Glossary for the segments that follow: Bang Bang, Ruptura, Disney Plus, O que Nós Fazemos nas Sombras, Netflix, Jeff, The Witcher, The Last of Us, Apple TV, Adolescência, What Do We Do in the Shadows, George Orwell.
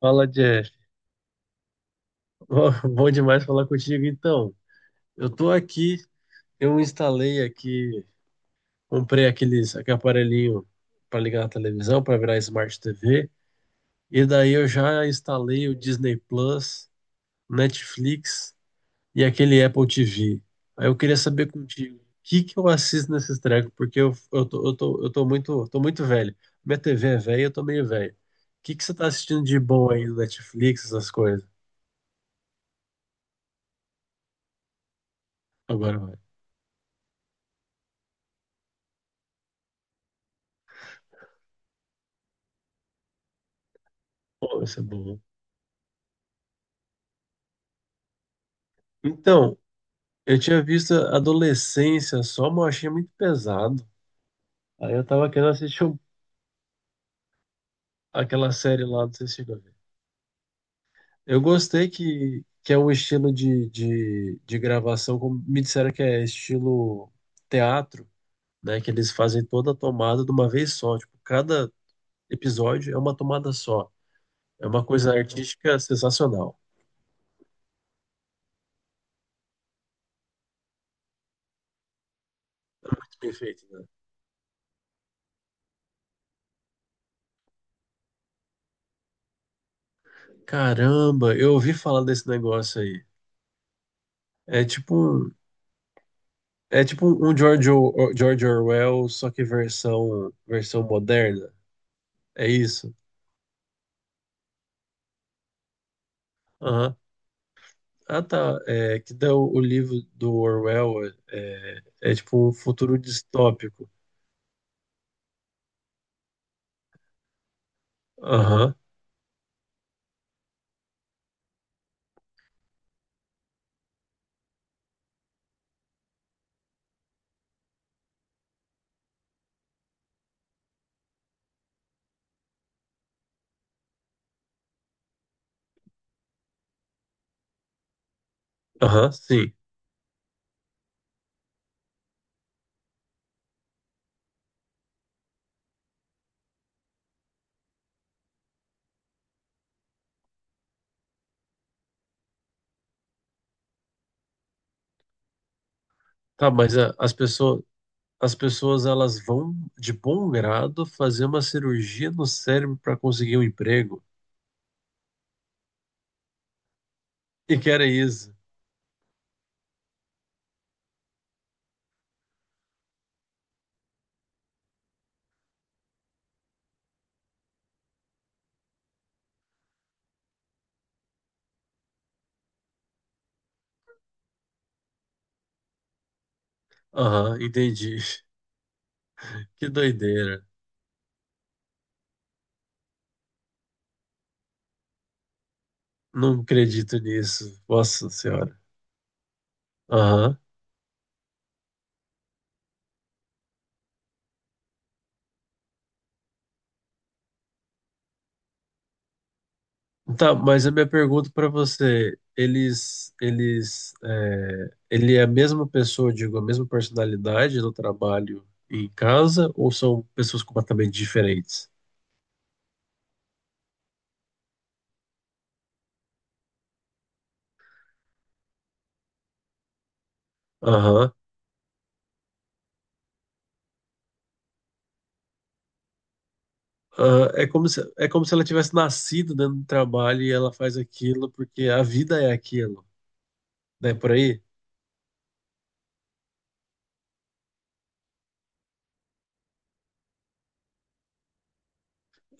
Fala, Jeff. Bom demais falar contigo. Então, eu tô aqui, eu instalei aqui, comprei aquele aparelhinho para ligar na televisão, para virar Smart TV. E daí eu já instalei o Disney Plus, Netflix e aquele Apple TV. Aí eu queria saber contigo, o que que eu assisto nesses trecos, porque eu tô muito velho. Minha TV é velha, eu tô meio velho. O que que você tá assistindo de bom aí no Netflix, essas coisas? Agora vai. Pô, isso é bom. Então, eu tinha visto Adolescência só, mas eu achei muito pesado. Aí eu tava querendo assistir aquela série lá, não sei se chegou a ver. Eu gostei que é um estilo de gravação, como me disseram que é estilo teatro, né? Que eles fazem toda a tomada de uma vez só. Tipo, cada episódio é uma tomada só. É uma coisa artística sensacional. Perfeito, né? Caramba, eu ouvi falar desse negócio aí. É tipo um- É tipo um George Orwell, só que versão moderna. É isso? Aham. Ah, tá. É, que dá o livro do Orwell é é tipo um futuro distópico. Aham, aham, sim. Tá, mas as pessoas, elas vão de bom grado fazer uma cirurgia no cérebro para conseguir um emprego. E que era isso? Aham, entendi. Que doideira. Não acredito nisso. Nossa Senhora. Aham. Tá, mas a minha pergunta para você, ele é a mesma pessoa, digo, a mesma personalidade no trabalho e em casa, ou são pessoas completamente diferentes? Aham. Ah, é como se ela tivesse nascido dentro do trabalho e ela faz aquilo porque a vida é aquilo, né? Por aí?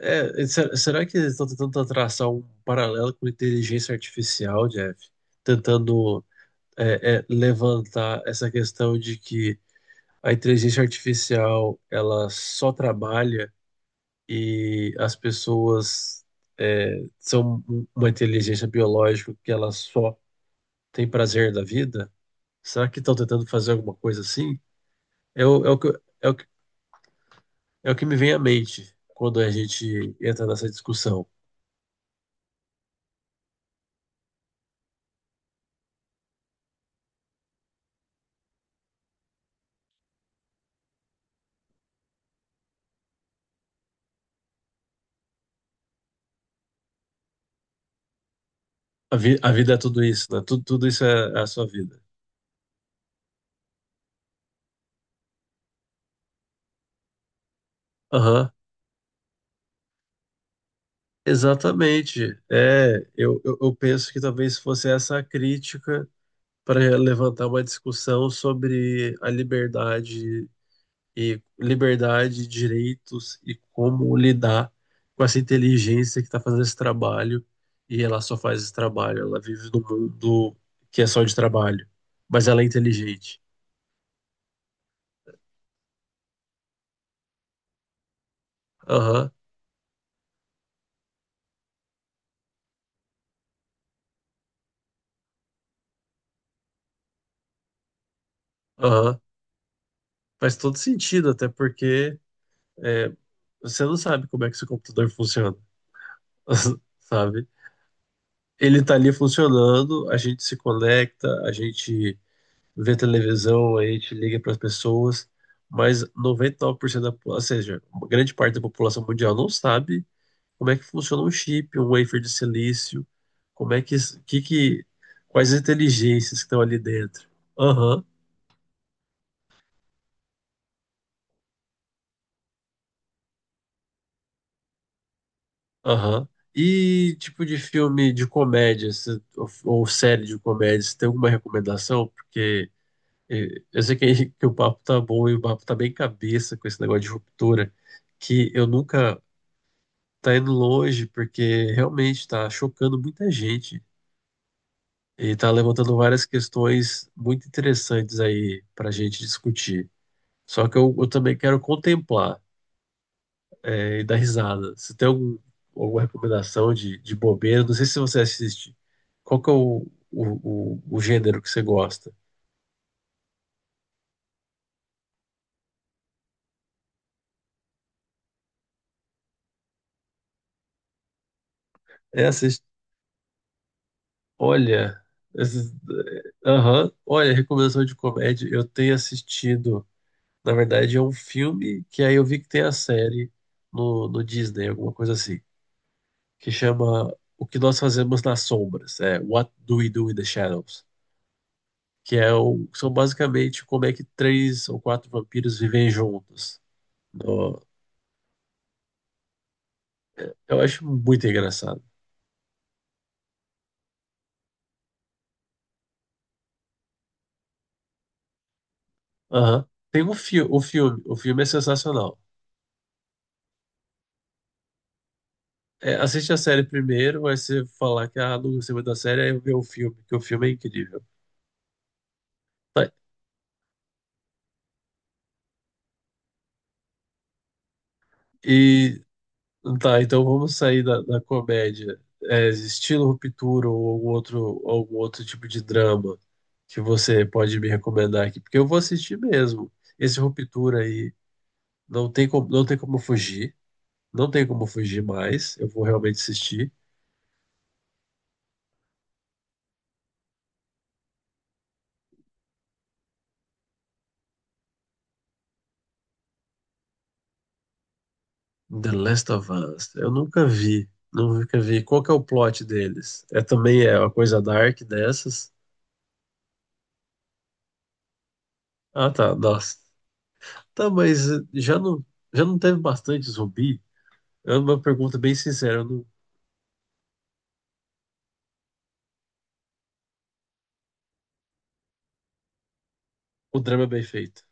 É, será que eles estão tentando traçar um paralelo com inteligência artificial, Jeff? Tentando, levantar essa questão de que a inteligência artificial ela só trabalha e as pessoas são uma inteligência biológica que ela só tem prazer da vida? Será que estão tentando fazer alguma coisa assim? É o é o que, é o que me vem à mente quando a gente entra nessa discussão. A vida é tudo isso, né? Tudo isso é a sua vida. Aham. Exatamente. É, eu penso que talvez fosse essa a crítica para levantar uma discussão sobre a liberdade e liberdade, direitos e como lidar com essa inteligência que está fazendo esse trabalho e ela só faz esse trabalho, ela vive num mundo que é só de trabalho, mas ela é inteligente. Aham, aham. Faz todo sentido, até porque é, você não sabe como é que seu computador funciona, sabe? Ele tá ali funcionando, a gente se conecta, a gente vê televisão, a gente liga para as pessoas, mas 99% da, ou seja, uma grande parte da população mundial não sabe como é que funciona um chip, um wafer de silício, como é que quais as inteligências que estão ali dentro. Aham, aham. E tipo de filme de comédia, ou série de comédia, você tem alguma recomendação? Porque eu sei que que o papo tá bom e o papo tá bem cabeça com esse negócio de ruptura, que eu nunca tá indo longe, porque realmente tá chocando muita gente e tá levantando várias questões muito interessantes aí pra gente discutir. Só que eu também quero contemplar, e dar risada. Você tem algum, alguma recomendação de bobeira? Não sei se você assiste. Qual que é o gênero que você gosta? É, Olha, esses- aham, olha, recomendação de comédia. Eu tenho assistido, na verdade, é um filme que aí eu vi que tem a série no Disney, alguma coisa assim, que chama O que Nós Fazemos nas Sombras, é What Do We Do in the Shadows, que é o, são basicamente como é que três ou quatro vampiros vivem juntos. No- eu acho muito engraçado. Aham. Tem o filme é sensacional. É, assiste a série primeiro, aí você falar que ah, não gostei muito da série, aí eu ver o filme, que o filme é incrível. Tá, e tá, então vamos sair da comédia. É, estilo Ruptura ou algum outro tipo de drama que você pode me recomendar aqui, porque eu vou assistir mesmo. Esse Ruptura aí não tem como fugir, não tem como fugir mais, eu vou realmente assistir. The Last of Us. Eu nunca vi. Nunca vi. Qual que é o plot deles? É também é uma coisa dark dessas? Ah, tá. Nossa. Tá, mas já não teve bastante zumbi? É uma pergunta bem sincera. Eu não- o drama é bem feito.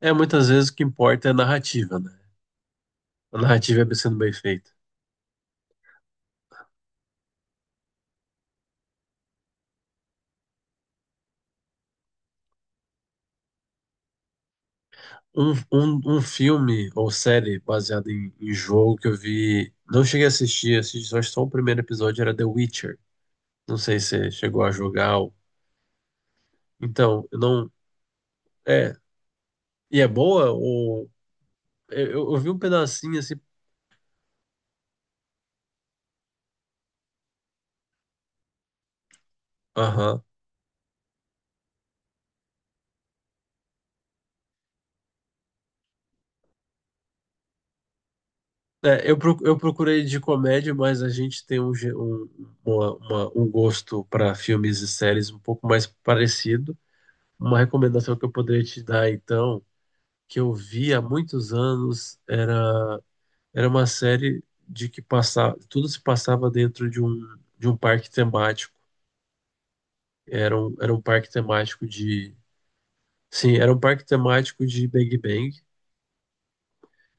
É, muitas vezes o que importa é a narrativa, né? A narrativa é sendo bem feita. Um filme ou série baseado em jogo que eu vi. Não cheguei a assistir, assisti só o primeiro episódio, era The Witcher. Não sei se você chegou a jogar. Então, eu não. É. E é boa? Ou... eu vi um pedacinho assim. Aham. É, eu procurei de comédia, mas a gente tem um gosto para filmes e séries um pouco mais parecido. Uma recomendação que eu poderia te dar, então, que eu vi há muitos anos, era, era uma série de que passava, tudo se passava dentro de um parque temático. Era um parque temático de. Sim, era um parque temático de Bang Bang.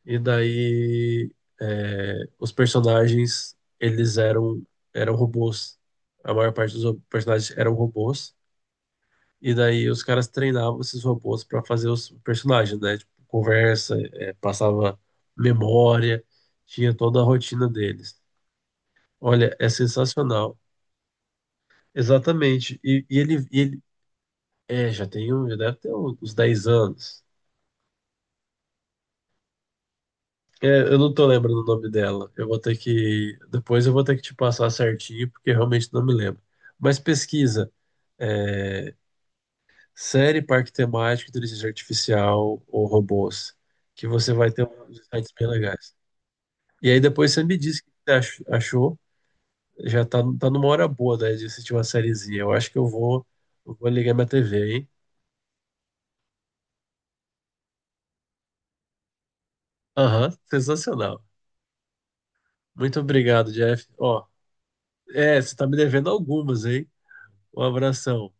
E daí é, os personagens, eram robôs. A maior parte dos personagens eram robôs. E daí os caras treinavam esses robôs para fazer os personagens, né? Tipo, conversa, é, passava memória, tinha toda a rotina deles. Olha, é sensacional. Exatamente. E, e ele é, já deve ter uns 10 anos. É, eu não tô lembrando o nome dela. Eu vou ter que. Depois eu vou ter que te passar certinho, porque realmente não me lembro. Mas pesquisa. É, série Parque Temático, Inteligência Artificial ou Robôs. Que você vai ter uns sites bem legais. E aí depois você me diz o que você achou. Tá numa hora boa, né, de assistir uma sériezinha. Eu acho que eu vou ligar minha TV, hein? Aham, sensacional. Muito obrigado, Jeff. Ó, é, você tá me devendo algumas, hein? Um abração.